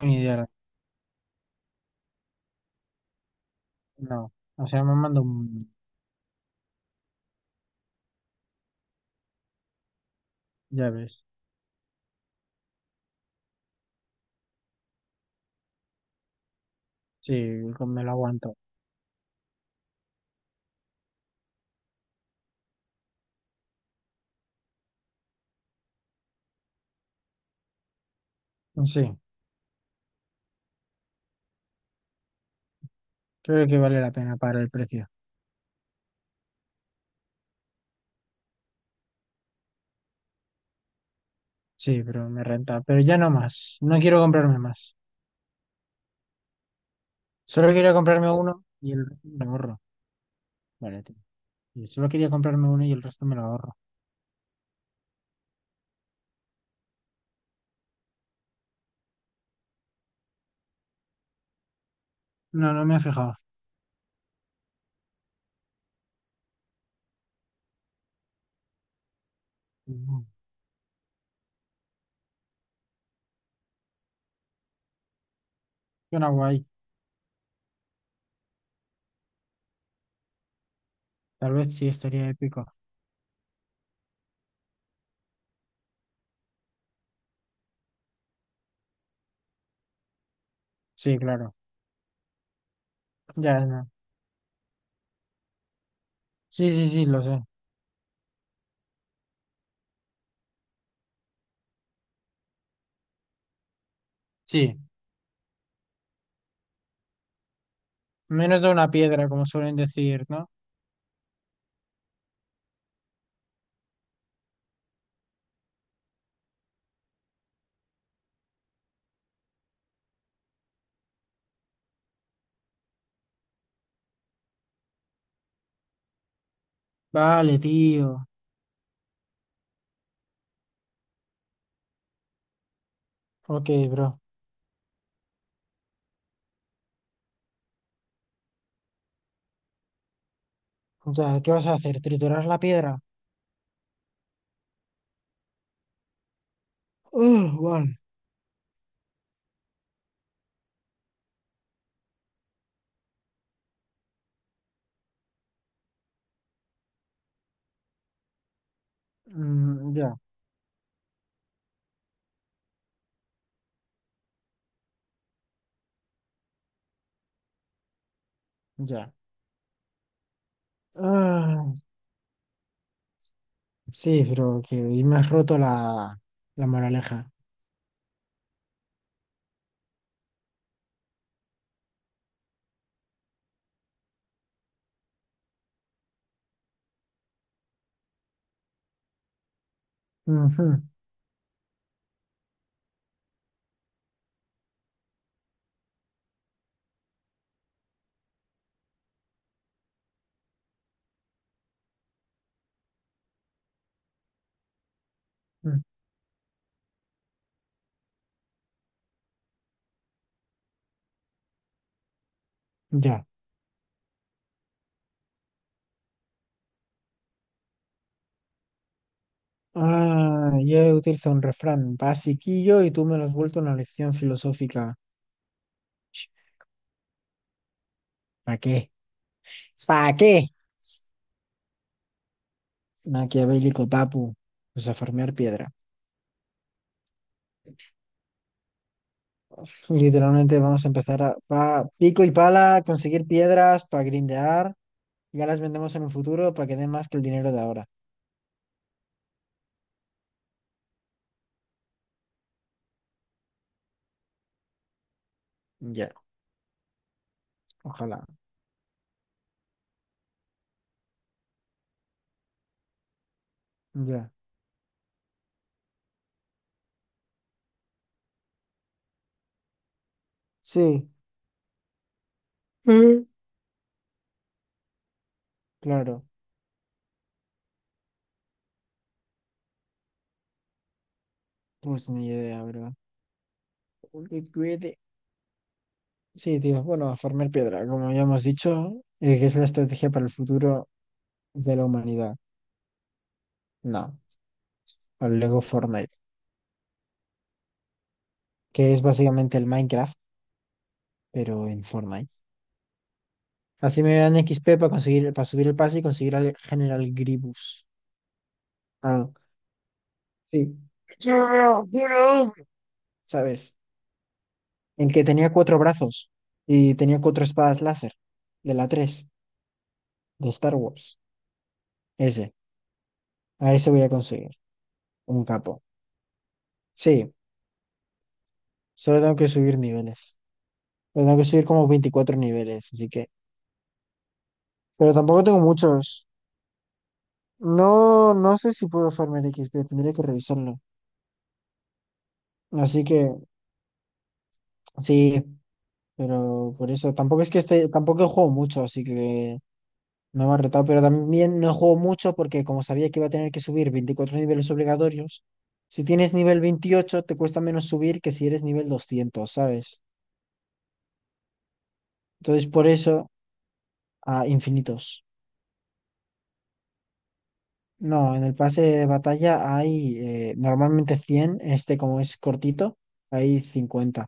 Ni idea, la- no. O sea, me mando un... Ya ves. Sí, con- me lo aguanto. Sí, creo que vale la pena para el precio. Sí, pero me renta. Pero ya no más. No quiero comprarme más. Solo quería comprarme uno y el resto me lo ahorro. Vale, tío. Y solo quería comprarme uno y el resto me lo ahorro. No, no me he fijado. Mm, Suena guay. Tal vez sí estaría épico. Sí, claro. Ya, no. Sí, sí, sí, lo sé. Sí. Menos de una piedra, como suelen decir, ¿no? Vale, tío. Ok, bro. Ya, ¿qué vas a hacer? ¿Triturar la piedra? Ah, vale. Mm, ya, ya. Ah, sí, pero que hoy me has roto la moraleja. Ujú, mm, ya. Ah, yo he utilizado un refrán basiquillo y tú me lo has vuelto una lección filosófica. ¿Para qué? ¿Para qué? Maquiavélico, papu. Pues a farmear piedra. Literalmente vamos a empezar a pico y pala, conseguir piedras para grindear. Ya las vendemos en un futuro para que den más que el dinero de ahora. Ya. Ojalá. Ya. Sí, Mm. claro. Pues ni idea, bro. Porque sí, tío. Bueno, a farmear piedra, como ya hemos dicho, que es la estrategia para el futuro de la humanidad. No, al Lego Fortnite, que es básicamente el Minecraft, pero en Fortnite. Así me dan XP para conseguir, para subir el pase y conseguir al General Grievous. Ah, sí. ¿Sabes? El que tenía cuatro brazos y tenía cuatro espadas láser. De la 3 de Star Wars. Ese. A ese voy a conseguir. Un capo. Sí, solo tengo que subir niveles. Pero tengo que subir como 24 niveles, así que. Pero tampoco tengo muchos. No, no sé si puedo farmear XP, tendría que revisarlo. Así que, sí, pero por eso. Tampoco es que esté, tampoco juego mucho, así que no me ha retado, pero también no juego mucho porque como sabía que iba a tener que subir 24 niveles obligatorios, si tienes nivel 28 te cuesta menos subir que si eres nivel 200, ¿sabes? Entonces por eso a infinitos. No, en el pase de batalla hay normalmente 100. Este como es cortito, hay 50,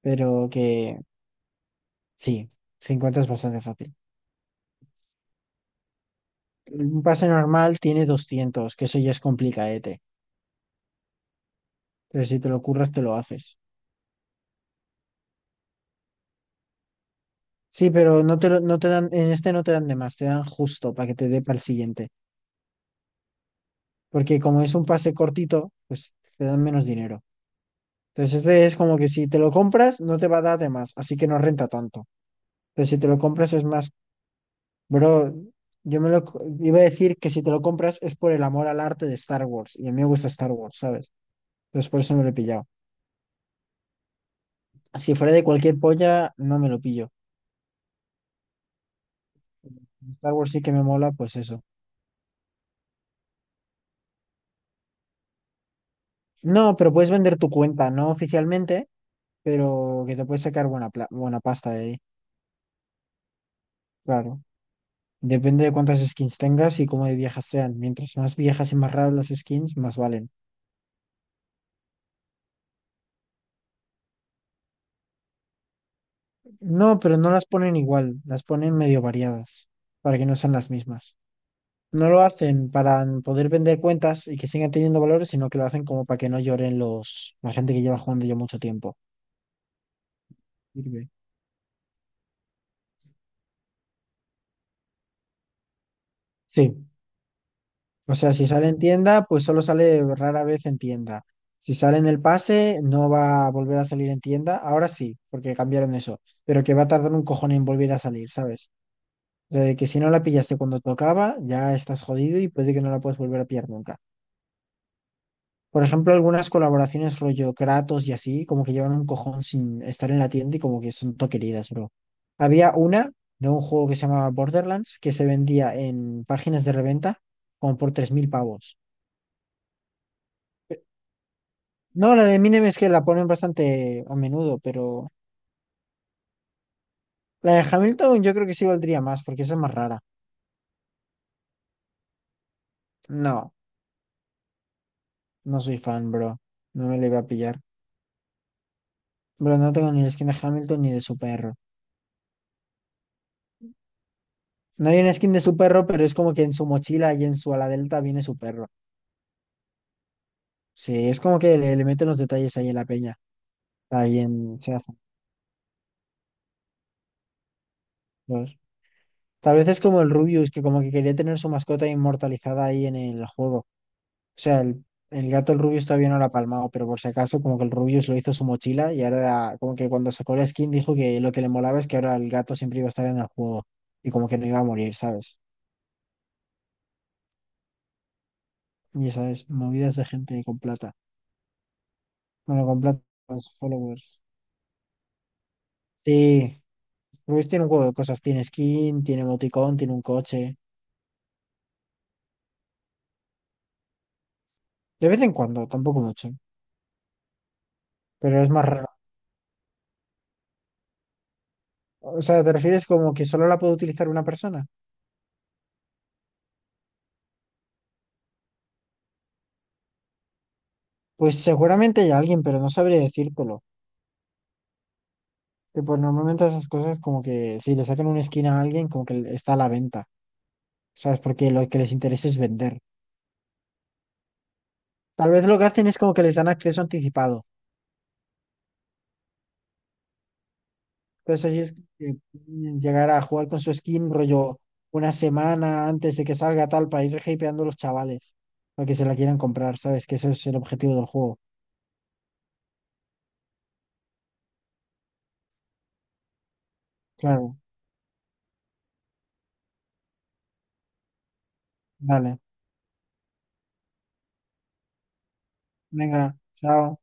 pero que sí, 50 es bastante fácil. Un pase normal tiene 200, que eso ya es complicadete, pero si te lo curras te lo haces. Sí, pero no no te dan, en este no te dan de más, te dan justo para que te dé para el siguiente. Porque como es un pase cortito, pues te dan menos dinero. Entonces este es como que si te lo compras, no te va a dar de más, así que no renta tanto. Entonces si te lo compras es más, bro, yo me lo iba a decir que si te lo compras es por el amor al arte de Star Wars. Y a mí me gusta Star Wars, ¿sabes? Entonces por eso me lo he pillado. Si fuera de cualquier polla, no me lo pillo. Star Wars sí que me mola, pues eso. No, pero puedes vender tu cuenta, no oficialmente, pero que te puedes sacar buena pasta de ahí, claro. Depende de cuántas skins tengas y cómo de viejas sean. Mientras más viejas y más raras las skins, más valen. No, pero no las ponen igual, las ponen medio variadas, para que no sean las mismas. No lo hacen para poder vender cuentas y que sigan teniendo valores, sino que lo hacen como para que no lloren la gente que lleva jugando ya mucho tiempo. Sirve. Sí. O sea, si sale en tienda, pues solo sale rara vez en tienda. Si sale en el pase, no va a volver a salir en tienda. Ahora sí, porque cambiaron eso. Pero que va a tardar un cojón en volver a salir, ¿sabes? O sea, de que si no la pillaste cuando tocaba, ya estás jodido y puede que no la puedas volver a pillar nunca. Por ejemplo, algunas colaboraciones rollo Kratos y así, como que llevan un cojón sin estar en la tienda y como que son todo queridas, bro. Había una de un juego que se llamaba Borderlands que se vendía en páginas de reventa como por 3000 pavos. No, la de Eminem es que la ponen bastante a menudo, pero la de Hamilton yo creo que sí valdría más, porque esa es más rara. No, no soy fan, bro. No me la iba a pillar. Bro, no tengo ni la skin de Hamilton ni de su perro. No hay una skin de su perro, pero es como que en su mochila y en su ala delta viene su perro. Sí, es como que le meten los detalles ahí en la peña. Ahí en Sea Fan dos. Tal vez es como el Rubius, que como que quería tener su mascota inmortalizada ahí en el juego. O sea, el gato, el Rubius todavía no lo ha palmado, pero por si acaso, como que el Rubius lo hizo su mochila y ahora, como que cuando sacó la skin, dijo que lo que le molaba es que ahora el gato siempre iba a estar en el juego y como que no iba a morir, ¿sabes? Y sabes, movidas de gente con plata. Bueno, con plata, los followers. Sí, Rubius tiene un juego de cosas: tiene skin, tiene emoticón, tiene un coche. De vez en cuando, tampoco mucho, pero es más raro. O sea, ¿te refieres como que solo la puede utilizar una persona? Pues seguramente hay alguien, pero no sabría decírtelo. Y pues normalmente esas cosas como que si le sacan una esquina a alguien, como que está a la venta, ¿sabes? Porque lo que les interesa es vender. Tal vez lo que hacen es como que les dan acceso anticipado. Entonces así es que pueden llegar a jugar con su skin rollo 1 semana antes de que salga tal para ir hypeando a los chavales para que se la quieran comprar, ¿sabes? Que eso es el objetivo del juego. Claro, vale. Venga, chao.